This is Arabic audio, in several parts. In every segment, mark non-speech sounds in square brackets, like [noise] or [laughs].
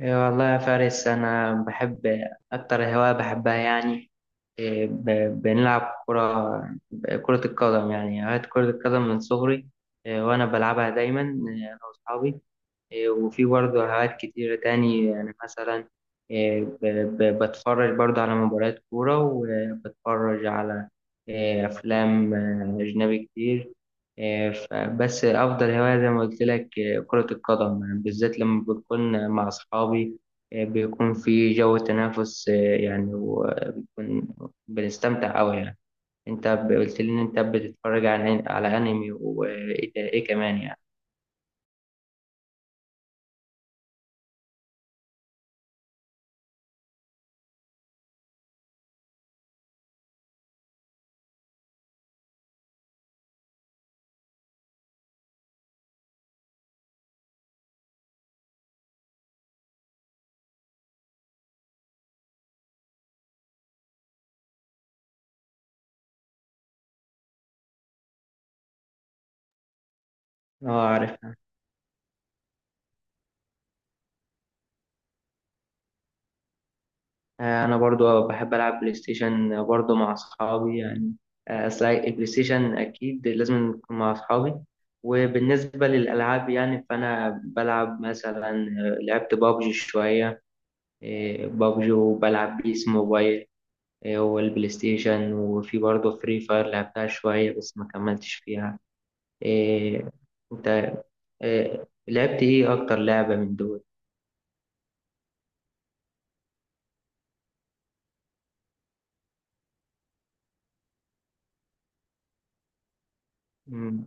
إيه والله يا فارس، أنا بحب. أكتر هواية بحبها يعني إيه، بنلعب كرة. كرة القدم، يعني هواية كرة القدم من صغري. إيه، وأنا بلعبها دايما، إيه أنا وأصحابي. إيه، وفي برضه هوايات كتيرة تاني يعني مثلا إيه، بتفرج برضه على مباريات كورة، وبتفرج على إيه، أفلام أجنبي كتير. إيه، بس أفضل هواية زي ما قلت لك إيه، كرة القدم يعني، بالذات لما بكون مع أصحابي. إيه، بيكون في جو تنافس إيه، يعني وبيكون بنستمتع أوي يعني. أنت قلت لي إن أنت بتتفرج على أنمي وإيه إيه كمان يعني؟ أه، عارف. آه، انا برضو بحب العب بلاي ستيشن برضو مع اصحابي يعني. آه، اصل البلاي ستيشن اكيد لازم نكون مع اصحابي. وبالنسبه للالعاب يعني فانا بلعب مثلا، آه، لعبت بابجي شويه. آه، بابجي، وبلعب بيس موبايل. آه، والبلاي ستيشن، وفي برضو فري فاير لعبتها شويه بس ما كملتش فيها. آه، انت آه، لعبت ايه اكتر لعبه من دول؟ مم.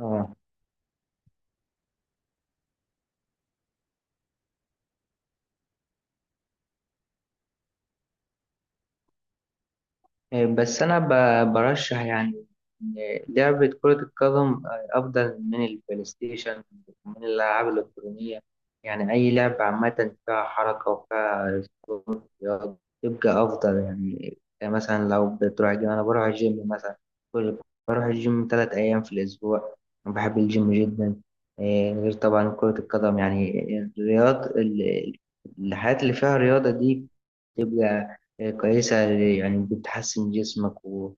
اه، آه، بس أنا برشح يعني إن لعبة كرة القدم أفضل من البلاي ستيشن ومن الألعاب الإلكترونية. يعني أي لعبة عامة فيها حركة وفيها سكون رياضي يبقى أفضل يعني. يعني مثلا لو بتروح الجيم، أنا بروح الجيم مثلا كل بروح الجيم تلات أيام في الأسبوع. أنا بحب الجيم جدا. إيه، غير طبعا كرة القدم يعني. الرياض ال- الحاجات اللي فيها رياضة دي كويسة، يعني بتحسن جسمك، و...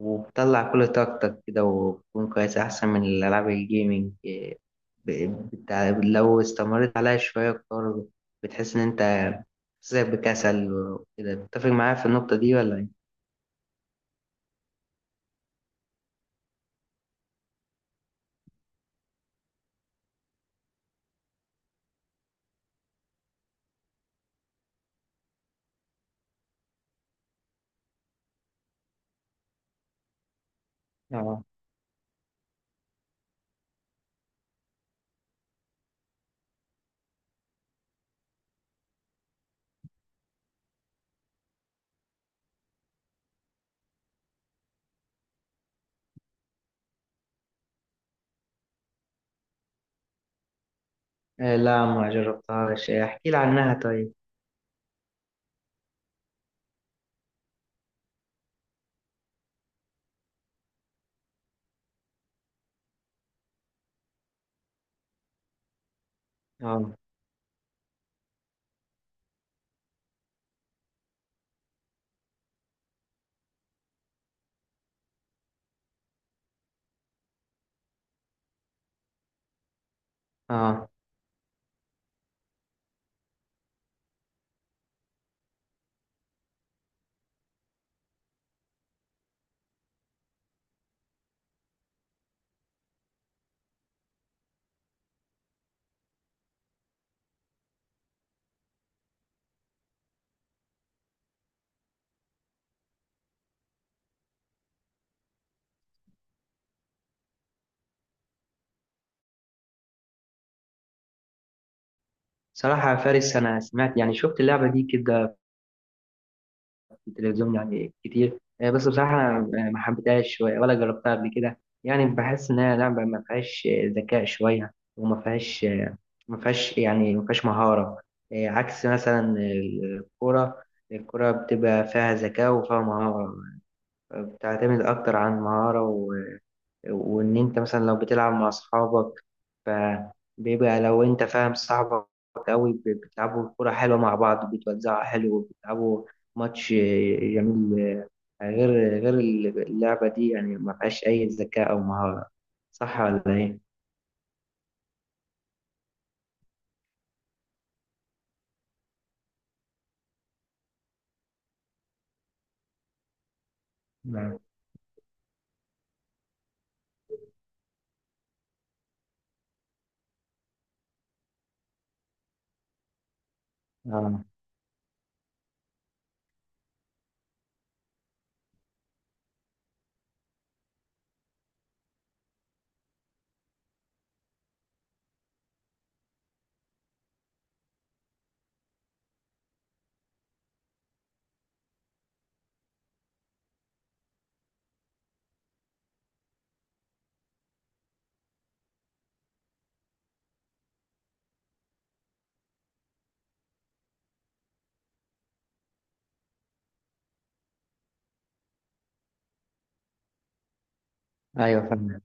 وبتطلع كل طاقتك كده وبتكون كويس أحسن من الألعاب الجيمنج إيه، ب... لو استمرت عليها شوية أكتر بتحس إن أنت بتحسسك بكسل وكده. بتتفق معايا في النقطة دي ولا إيه؟ آه، إيه، لا ما جربتهاش، إيه، احكي لي عنها طيب. آه، آه، صراحة يا فارس أنا سمعت يعني، شفت اللعبة دي كده التلفزيون يعني كتير آه، بس بصراحة آه، ما حبيتهاش شوية، ولا جربتها قبل كده. يعني بحس إنها لعبة ما فيهاش آه، ذكاء شوية، وما فيهاش آه، ما فيهاش مهارة. آه، عكس مثلا الكرة. الكرة بتبقى فيها ذكاء وفيها مهارة، بتعتمد أكتر عن مهارة. وان انت مثلا لو بتلعب مع اصحابك فبيبقى لو انت فاهم صاحبك قوي، بتلعبوا كرة حلوة مع بعض، بتوزعوا حلو، بتلعبوا ماتش جميل. غير غير اللعبة دي يعني ما فيهاش أي ذكاء أو مهارة. صح ولا إيه؟ نعم. آه. أيوه فاهم.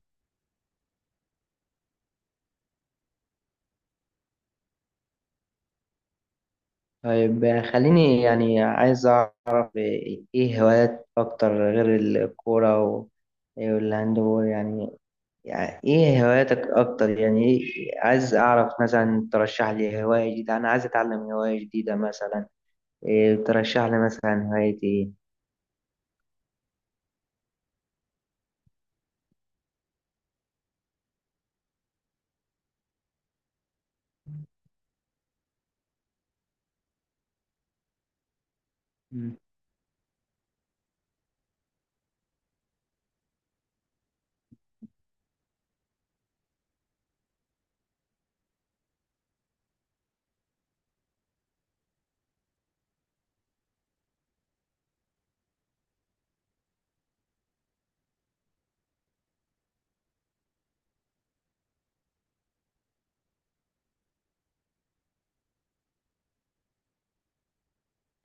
طيب خليني يعني عايز أعرف إيه هوايات أكتر غير الكورة و- والهاند بول يعني. يعني ايه هواياتك اكتر يعني، إيه، عايز اعرف مثلا ترشح لي هواية جديدة، انا عايز اتعلم هواية جديدة مثلا. إيه ترشح لي مثلا هواية ايه؟ مم.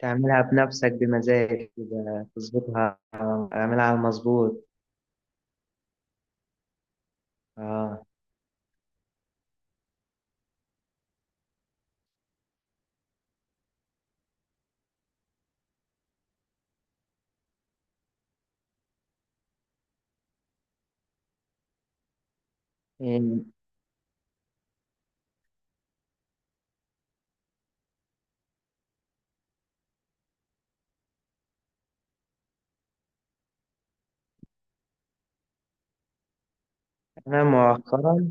تعملها بنفسك بمزاج كده، تظبطها اعملها على المظبوط. اه. إيه، انا مؤخرا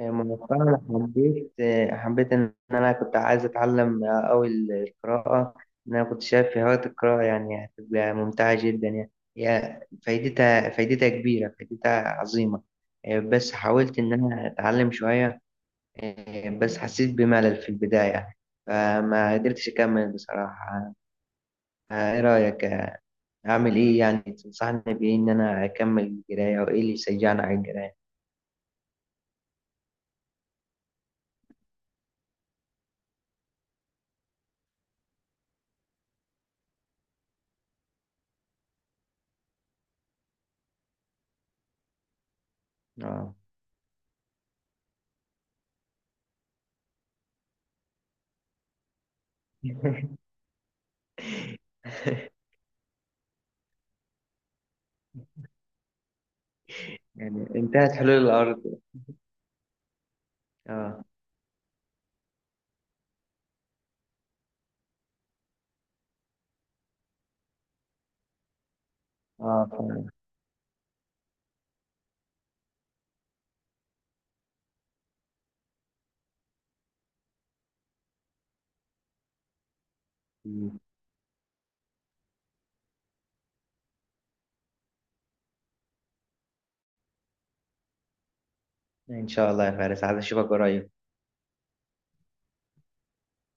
مؤخرا حبيت آه، حبيت إن أنا كنت عايز أتعلم آه، أوي القراءة. إن أنا كنت شايف في هواية القراءة يعني هتبقى ممتعة جدا يعني. هي فايدتها كبيرة، فايدتها عظيمة. آه، بس حاولت إن أنا أتعلم شوية، آه، بس حسيت بملل في البداية فما قدرتش أكمل بصراحة. آه، إيه رأيك؟ آه، أعمل إيه؟ يعني تنصحني بإيه إن أنا أكمل القراية، وإيه اللي يشجعني على القراية؟ آه. [laughs] يعني انتهت حلول الأرض. اه. اه فعلا. مم. ان شاء الله يا فارس، عايز اشوفك قريب.